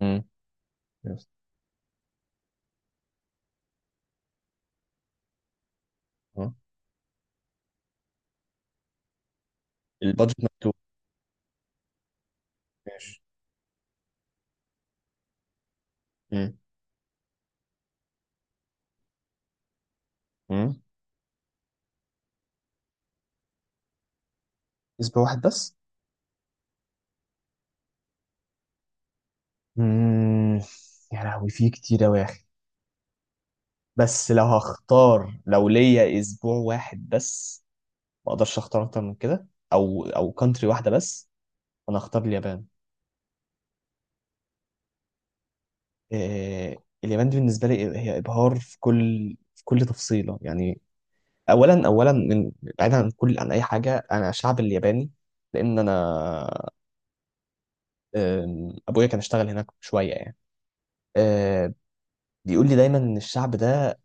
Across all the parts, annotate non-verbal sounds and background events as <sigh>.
امم. يس. اه, البادجت مفتوح. ماشي. امم. امم اسم واحد بس. امم. يا لهوي، في كتير أوي يا اخي. بس لو هختار، لو ليا اسبوع واحد بس، ما اقدرش اختار اكتر من كده، او كونتري واحده بس. انا هختار اليابان. إيه؟ اليابان دي بالنسبه لي هي ابهار في كل في كل تفصيله يعني. اولا من، بعيدا عن كل عن اي حاجه، انا شعب الياباني، لان انا ابويا كان اشتغل هناك شويه يعني. آه، بيقول لي دايما ان الشعب ده،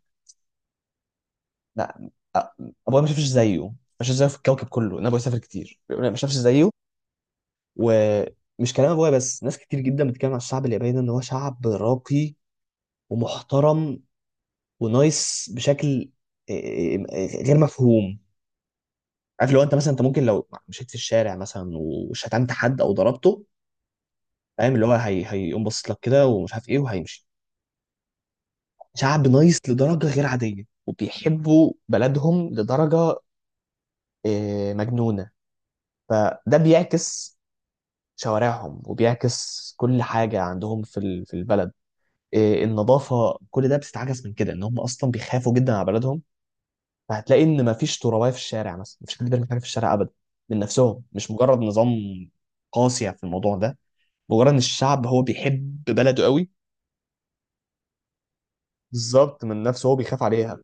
لا، أ- ابويا ما شافش زيه، ما شافش زيه في الكوكب كله، ان ابويا سافر كتير بيقول لي ما شافش زيه. ومش كلام ابويا بس، ناس كتير جدا بتتكلم عن الشعب الياباني ان هو شعب راقي ومحترم ونايس بشكل إيه، إيه، غير مفهوم. عارف لو انت مثلا، انت ممكن لو مشيت في الشارع مثلا وشتمت حد او ضربته، فاهم اللي هو، هيقوم باصص لك كده ومش عارف ايه وهيمشي. شعب نايس لدرجه غير عاديه، وبيحبوا بلدهم لدرجه مجنونه. فده بيعكس شوارعهم، وبيعكس كل حاجة عندهم في في البلد النظافة. كل ده بيستعكس من كده، ان هم اصلا بيخافوا جدا على بلدهم، فهتلاقي ان مفيش ترابية في الشارع مثلا، مفيش حد بيرمي حاجة في الشارع ابدا، من نفسهم، مش مجرد نظام قاسي في الموضوع ده، مجرد ان الشعب هو بيحب بلده قوي. بالظبط، من نفسه هو بيخاف عليها.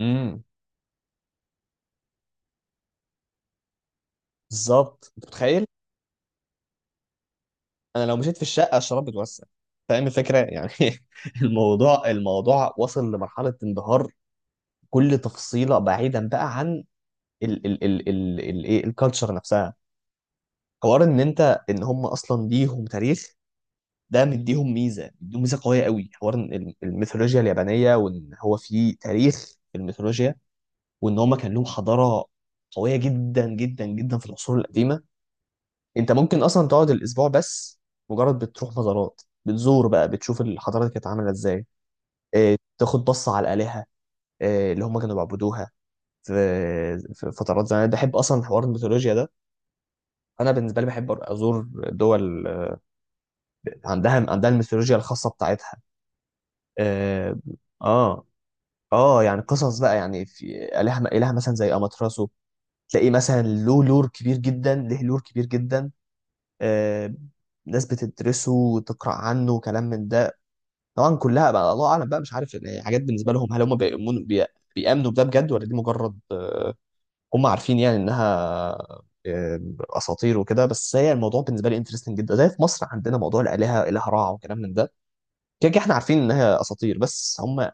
امم. بالظبط، انت متخيل؟ انا لو مشيت في الشقة الشراب بتوسع. فاهم الفكرة يعني. <laughs> الموضوع وصل لمرحلة انبهار، كل تفصيله بعيدا بقى عن ال ال ال ال ال ايه الكالتشر نفسها، حوار ان انت، ان هم اصلا ليهم تاريخ، ده مديهم ميزه، مديهم ميزه قويه قوي، حوار إن الميثولوجيا اليابانيه، وان هو في تاريخ في الميثولوجيا، وان هم كان لهم حضاره قويه جدا جدا جدا في العصور القديمه. انت ممكن اصلا تقعد الاسبوع بس مجرد بتروح مزارات، بتزور بقى، بتشوف الحضاره دي كانت عامله ازاي. تاخد بصه على الالهه اللي هم كانوا بيعبدوها في فترات زمان. أنا بحب اصلا حوار الميثولوجيا ده. انا بالنسبه لي بحب ازور دول عندها، عندها الميثولوجيا الخاصه بتاعتها. اه. اه. يعني قصص بقى يعني، في اله، مثلا زي اماتراسو، تلاقيه مثلا له لور كبير جدا، له لور كبير جدا. آه. ناس بتدرسه وتقرا عنه وكلام من ده. طبعا كلها بقى الله اعلم بقى، مش عارف يعني، حاجات بالنسبه لهم، هل هم بيامنوا بده بجد، ولا دي مجرد هم عارفين يعني انها آه، اساطير وكده. بس هي الموضوع بالنسبه لي انترستنج جدا، زي في مصر عندنا موضوع الالهه، اله رع وكلام من ده، كده كده احنا عارفين انها اساطير، بس هم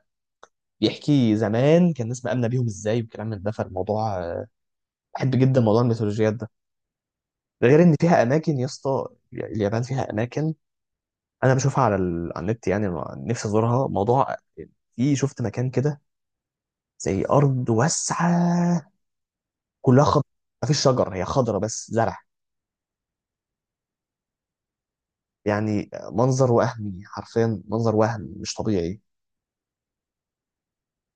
بيحكي زمان كان الناس مآمنه بيهم ازاي وكلام من ده. فالموضوع بحب جدا موضوع الميثولوجيات ده. ده غير ان فيها اماكن يا اسطى. اليابان فيها اماكن انا بشوفها على على النت يعني، نفسي ازورها. موضوع، في شفت مكان كده زي ارض واسعه كلها خضرا، مفيش شجر، هي خضرا بس زرع. يعني منظر وهمي، حرفيا منظر وهم مش طبيعي.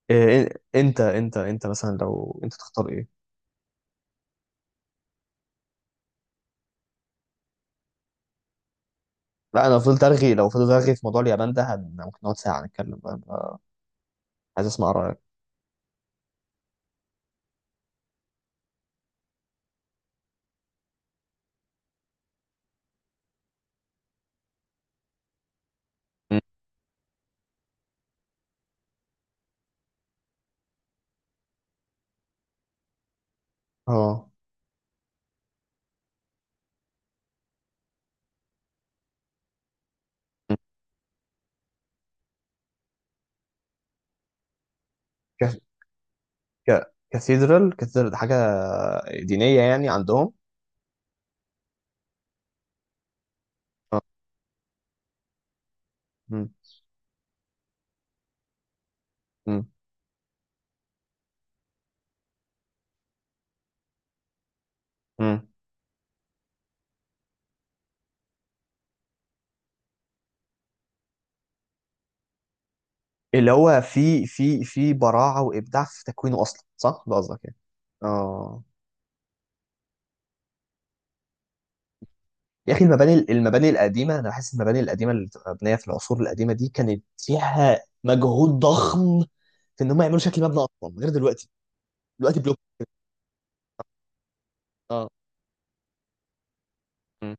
إيه؟ انت مثلا لو انت تختار ايه؟ لا انا فضلت ارغي. لو فضلت ارغي في موضوع اليابان ده ممكن نقعد ساعه نتكلم بقى. أنا عايز اسمع رايك. مم. اه. مم. ك... ك... كاثيدرال كاثيدرال ده حاجه دينيه يعني عندهم؟ اه. مم. مم. مم. اللي هو في، في براعه وابداع في تكوينه اصلا، صح؟ ده قصدك يعني؟ اه. يا اخي المباني، المباني القديمه، انا بحس المباني القديمه اللي بتبقى مبنيه في العصور القديمه دي كانت فيها مجهود ضخم في ان هم يعملوا شكل مبنى اصلا غير دلوقتي. دلوقتي بلوك. اه. مم.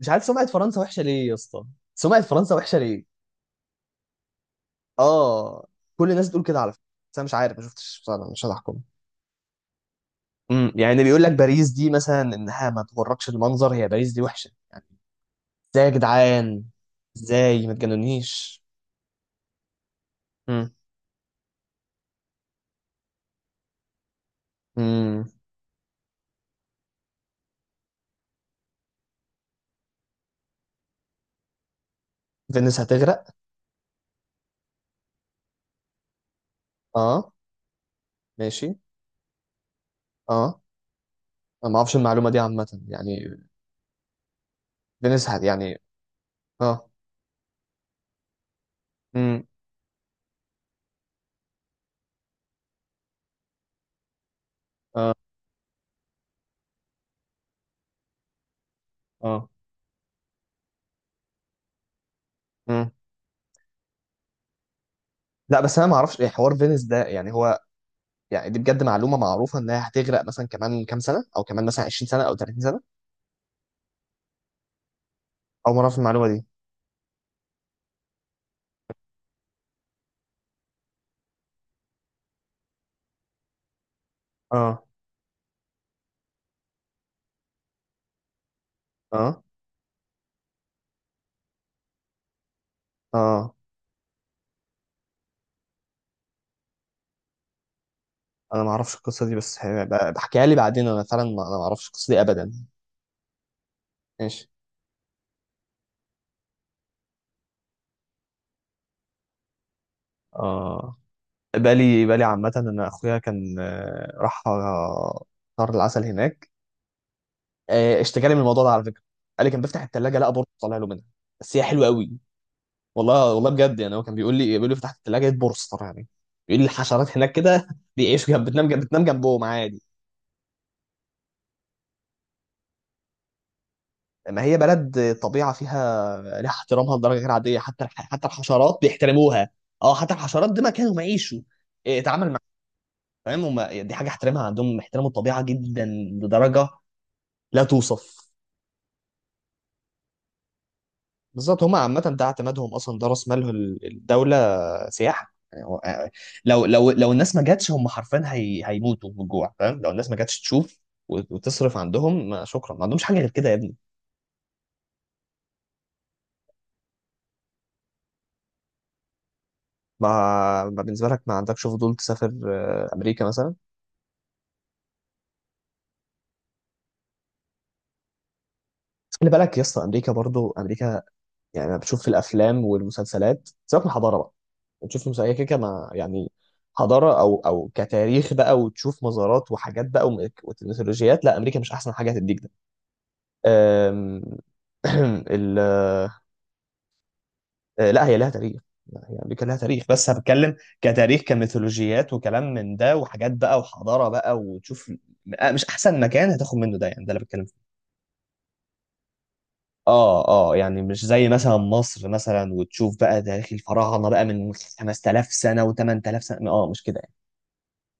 مش عارف سمعه فرنسا وحشه ليه يا اسطى؟ سمعه فرنسا وحشه ليه؟ اه، كل الناس بتقول كده على فكره. بس انا مش عارف، ما شفتش بصراحه، مش هحكم. امم، يعني اللي بيقول لك باريس دي مثلا انها ما تغركش المنظر، هي باريس دي وحشه يعني؟ ازاي يا جدعان؟ ازاي ما تجنونيش؟ امم. امم. فينيس هتغرق؟ اه. ماشي. اه. انا ما اعرفش المعلومه دي عامه يعني. فينيس هت، يعني. اه. امم. اه. اه. امم. لا، بس انا ما اعرفش ايه حوار فينيس ده يعني. هو يعني دي بجد معلومه معروفه انها هتغرق مثلا كمان كام سنه، او كمان مثلا 20 سنه او 30 سنه، او ما اعرفش المعلومه دي. اه. اه. اه. انا ما اعرفش القصه دي، بس بحكيها لي بعدين. انا فعلا انا ما اعرفش القصه دي ابدا. ماشي. اه. بالي، بالي عامه ان اخويا كان راح شهر العسل هناك. اشتكى لي من الموضوع ده على فكره، قال لي كان بيفتح الثلاجه لقى بورصه طالع له منها. بس هي حلوه قوي. والله والله بجد يعني هو كان بيقول لي، بيقول لي فتحت الثلاجه لقيت بورصه طالع لي. بيقول لي الحشرات هناك كده <laughs> بيعيشوا جنب، بتنام جنب، بتنام جنبهم عادي. ما هي بلد طبيعه فيها، لها احترامها لدرجه غير عاديه، حتى حتى الحشرات بيحترموها. اه، حتى الحشرات ده مكانهم يعيشوا. اتعامل مع، فاهم؟ هم دي حاجه احترامها عندهم، احترموا الطبيعه جدا لدرجه لا توصف. بالظبط، هم عامه ده اعتمادهم اصلا، ده راس مالهم الدوله، سياحه يعني. لو الناس ما جاتش، هم حرفيا هي هيموتوا بالجوع. فاهم؟ لو الناس ما جاتش تشوف وتصرف عندهم، ما شكرا، ما عندهمش حاجه غير كده يا ابني. ما ما بالنسبه لك، ما عندكش فضول تسافر امريكا مثلا؟ بس خلي بالك يا اسطى، امريكا برضو امريكا. يعني أنا بتشوف في الافلام والمسلسلات، سيبك من الحضاره بقى، وتشوف في مسائيه كده ما يعني، حضاره او كتاريخ بقى، وتشوف مزارات وحاجات بقى، وميثولوجيات. لا، امريكا مش احسن حاجه هتديك ده. أم، <clears throat> ال لا هي لها تاريخ. لا، هي امريكا لها تاريخ، بس أنا بتكلم كتاريخ كميثولوجيات وكلام من ده، وحاجات بقى وحضاره بقى وتشوف. مش احسن مكان هتاخد منه ده يعني، ده اللي بتكلم فيه. اه، اه. يعني مش زي مثلا مصر مثلا وتشوف بقى تاريخ الفراعنه بقى من 5,000 سنه و8000 سنه. اه مش كده يعني.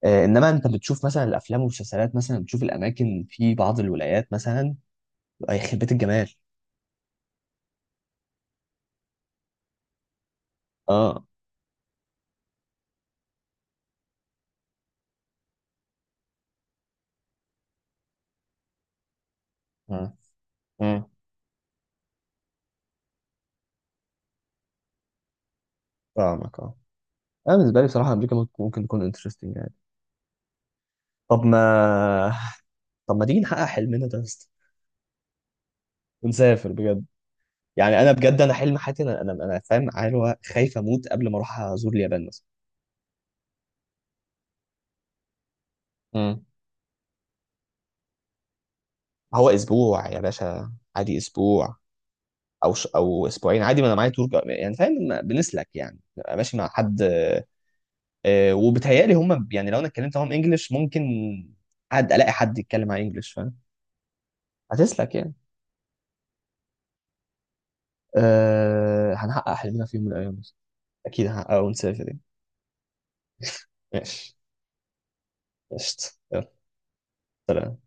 انما انت بتشوف مثلا الافلام والمسلسلات، مثلا بتشوف الاماكن في بعض الولايات مثلا، يخرب بيت الجمال. اه. اه. اه، فاهمك. اه، انا بالنسبه لي بصراحه امريكا ممكن، ممكن تكون انترستنج يعني. طب ما، طب ما تيجي نحقق حلمنا ده يا اسطى؟ ونسافر بجد يعني. انا بجد، انا حلم حياتي انا، انا فاهم، عارف، هو خايف اموت قبل ما اروح ازور اليابان مثلا. امم. هو اسبوع يا باشا عادي، اسبوع او اسبوعين عادي، ما انا معايا يعني، فاهم؟ ما بنسلك يعني، ببقى ماشي مع حد. وبتهيألي هم يعني لو انا اتكلمت معاهم انجلش ممكن الاقي حد يتكلم معايا انجلش. فاهم؟ هتسلك يعني. هنحقق حلمنا في يوم من الايام، اكيد هنحققه ونسافر يعني. ماشي. قشطة، يلا. سلام.